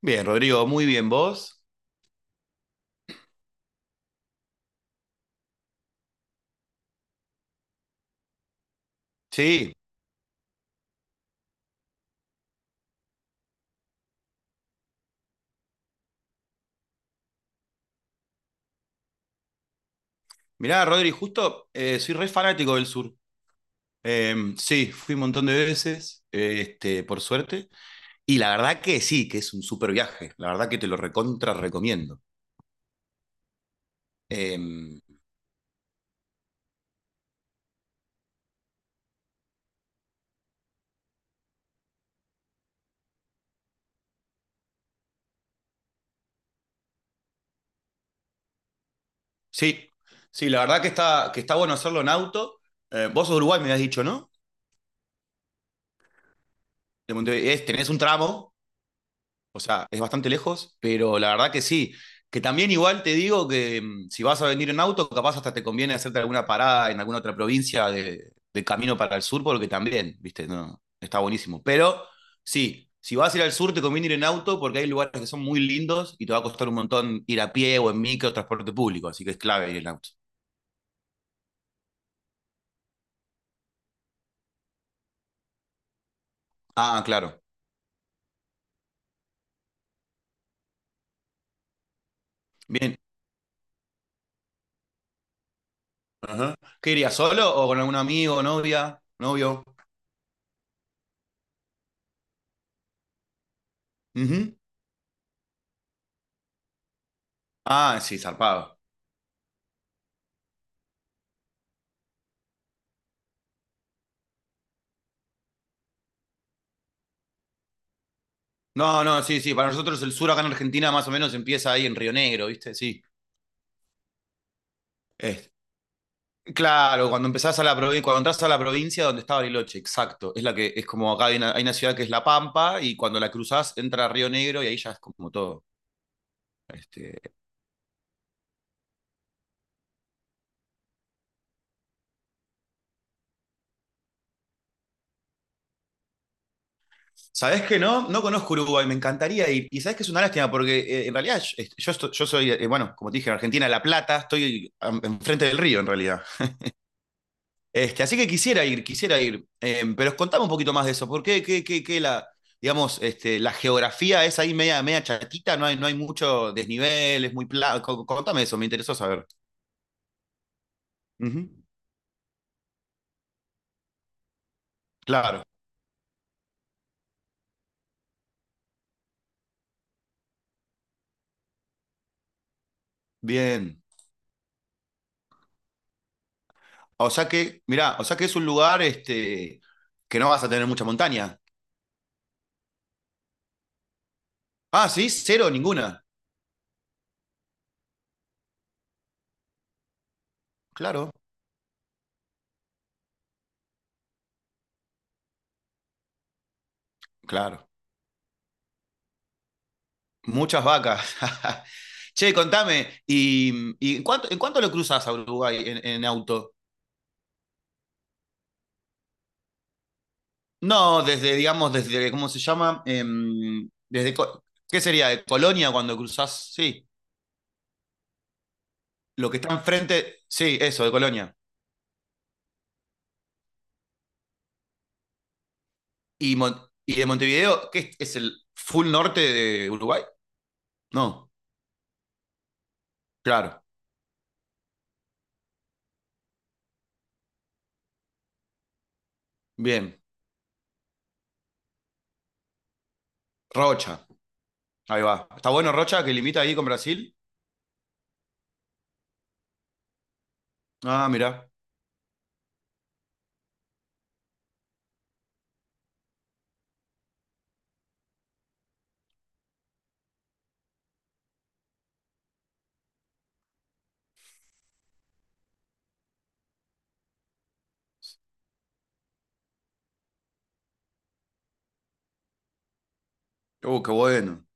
Bien, Rodrigo, muy bien. ¿Vos? Sí. Mirá, Rodri, justo soy re fanático del sur. Sí, fui un montón de veces, por suerte. Y la verdad que sí, que es un súper viaje. La verdad que te lo recontra recomiendo. Eh, sí, sí, la verdad que está bueno hacerlo en auto. Vos sos de Uruguay, me habías dicho, ¿no? De Montevideo. Tenés un tramo. O sea, es bastante lejos, pero la verdad que sí. Que también igual te digo que si vas a venir en auto, capaz hasta te conviene hacerte alguna parada en alguna otra provincia de, camino para el sur, porque también, viste, no, está buenísimo. Pero sí, si vas a ir al sur, te conviene ir en auto porque hay lugares que son muy lindos y te va a costar un montón ir a pie o en micro o transporte público, así que es clave ir en auto. Ah, claro. Bien. Ajá. ¿Qué irías solo o con algún amigo, novia, novio? Ujú. Ah, sí, zarpado. No, no, sí, sí. Para nosotros el sur acá en Argentina más o menos empieza ahí en Río Negro, ¿viste? Sí. Es- Claro, cuando empezás a la provincia, cuando entras a la provincia donde está Bariloche, exacto. Es la que es como acá hay una ciudad que es La Pampa y cuando la cruzás entra a Río Negro y ahí ya es como todo. Este, ¿Sabés qué no? No conozco Uruguay, me encantaría ir. Y sabés que es una lástima porque en realidad yo, estoy- yo soy, bueno, como te dije, en Argentina, La Plata, enfrente del río en realidad. Así que quisiera ir, quisiera ir. Pero contame un poquito más de eso. ¿Por qué digamos, la geografía es ahí media, media chatita? No hay, mucho desnivel, es muy plano. Contame eso, me interesó saber. Ujú. Claro, bien. O sea que, mirá, o sea que es un lugar que no vas a tener mucha montaña. Ah, sí, cero, ninguna. Claro, claro. Muchas vacas. Che, contame, ¿y, en cuánto, lo cruzas a Uruguay en, auto? No, desde, digamos, desde, ¿cómo se llama? Desde, ¿qué sería? ¿De Colonia cuando cruzás? Sí, lo que está enfrente, sí, eso, de Colonia. Y, Mon- y de Montevideo, ¿qué es el full norte de Uruguay? No, claro, bien. Rocha, ahí va. ¿Está bueno Rocha que limita ahí con Brasil? Ah, mirá. Qué bueno,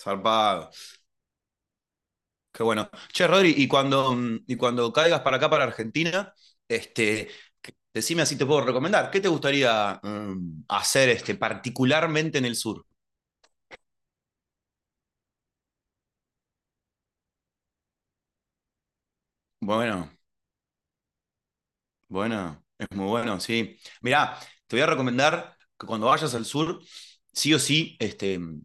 zarpado. Qué bueno. Che, Rodri, y cuando, y cuando caigas para acá, para Argentina, este, decime así te puedo recomendar. ¿Qué te gustaría hacer particularmente en el sur? Bueno, bueno, es muy bueno, sí. Mirá, te voy a recomendar que cuando vayas al sur, sí o sí,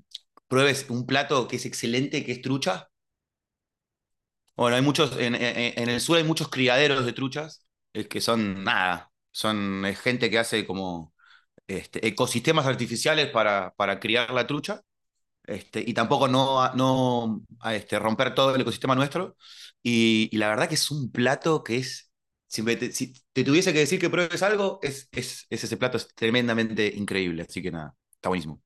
pruebes un plato que es excelente, que es trucha. Bueno, hay muchos, en el sur hay muchos criaderos de truchas, que son nada, son gente que hace como ecosistemas artificiales para, criar la trucha y tampoco no, a, romper todo el ecosistema nuestro. Y la verdad que es un plato que es, si te tuviese que decir que pruebes algo, es, ese plato, es tremendamente increíble, así que nada, está buenísimo.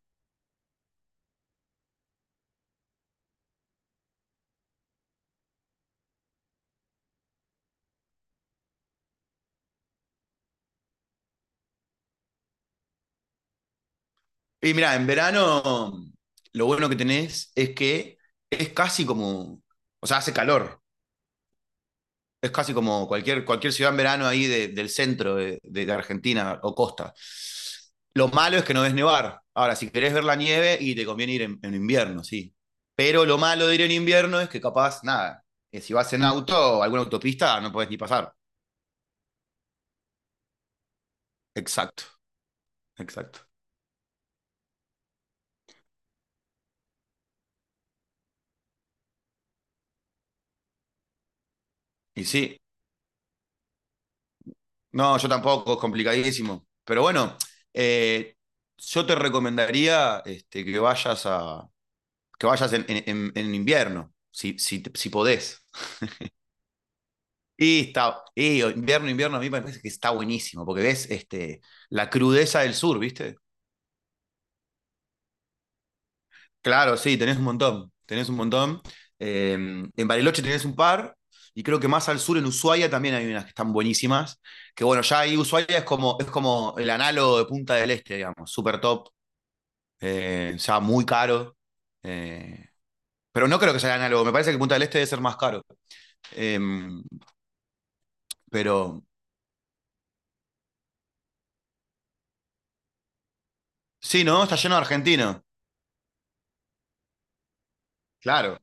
Y mira, en verano lo bueno que tenés es que es casi como, o sea, hace calor. Es casi como cualquier, ciudad en verano ahí del centro de, Argentina o costa. Lo malo es que no ves nevar. Ahora, si querés ver la nieve y te conviene ir en, invierno, sí. Pero lo malo de ir en invierno es que capaz, nada, que si vas en auto o alguna autopista no podés ni pasar. Exacto, exacto. Y sí, no, yo tampoco, es complicadísimo. Pero bueno, eh, yo te recomendaría que vayas a, que vayas en invierno, si podés. Y invierno, a mí me parece que está buenísimo, porque ves la crudeza del sur, ¿viste? Claro, sí, tenés un montón, tenés un montón. Eh, en Bariloche tenés un par, y creo que más al sur, en Ushuaia, también hay unas que están buenísimas, que bueno, ya ahí Ushuaia es como el análogo de Punta del Este, digamos, super top, ya muy caro. eh, pero no creo que sea el análogo, me parece que Punta del Este debe ser más caro. Em, pero sí, ¿no? Está lleno de argentinos. Claro,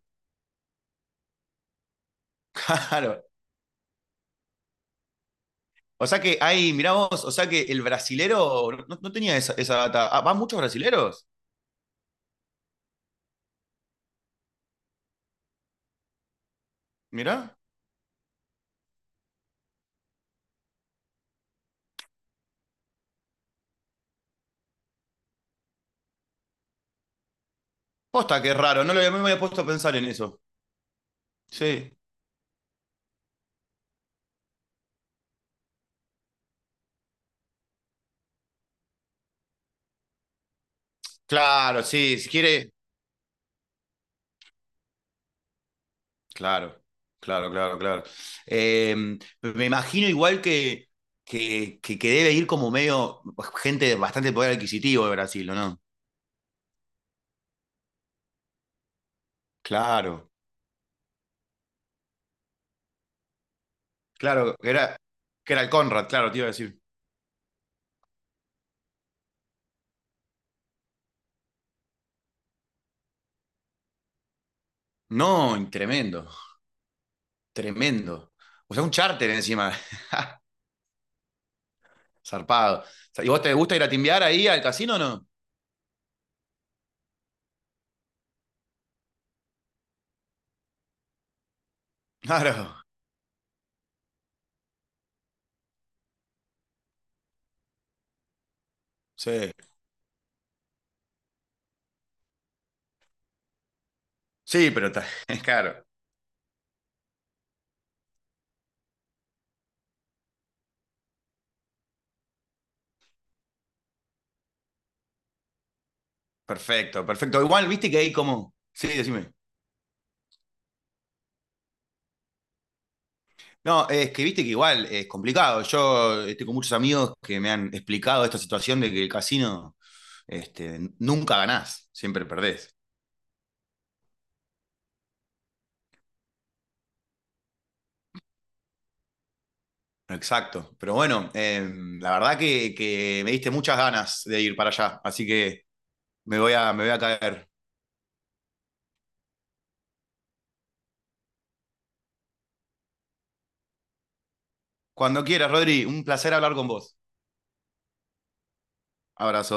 claro. O sea que hay, mirá vos, o sea que el brasilero no, tenía esa, data. Ah, ¿van muchos brasileros? Mirá. Posta, qué raro, no me había puesto a pensar en eso. Sí. Claro, sí, si quiere. Claro, claro, claro, claro. Eh, me imagino igual que, debe ir como medio gente de bastante poder adquisitivo de Brasil, ¿o no? Claro, claro, que era el Conrad, claro, te iba a decir. No, tremendo, tremendo. O sea, un charter encima. Zarpado. O sea, ¿y vos te gusta ir a timbiar ahí al casino o no? Claro, sí. Sí, pero está, claro. Perfecto, perfecto. Igual, viste que hay como. Sí, decime. No, es que viste que igual es complicado. Yo estoy con muchos amigos que me han explicado esta situación de que el casino este, nunca ganás, siempre perdés. Exacto. Pero bueno, la verdad que, me diste muchas ganas de ir para allá, así que me voy a caer. Cuando quieras, Rodri, un placer hablar con vos. Abrazo.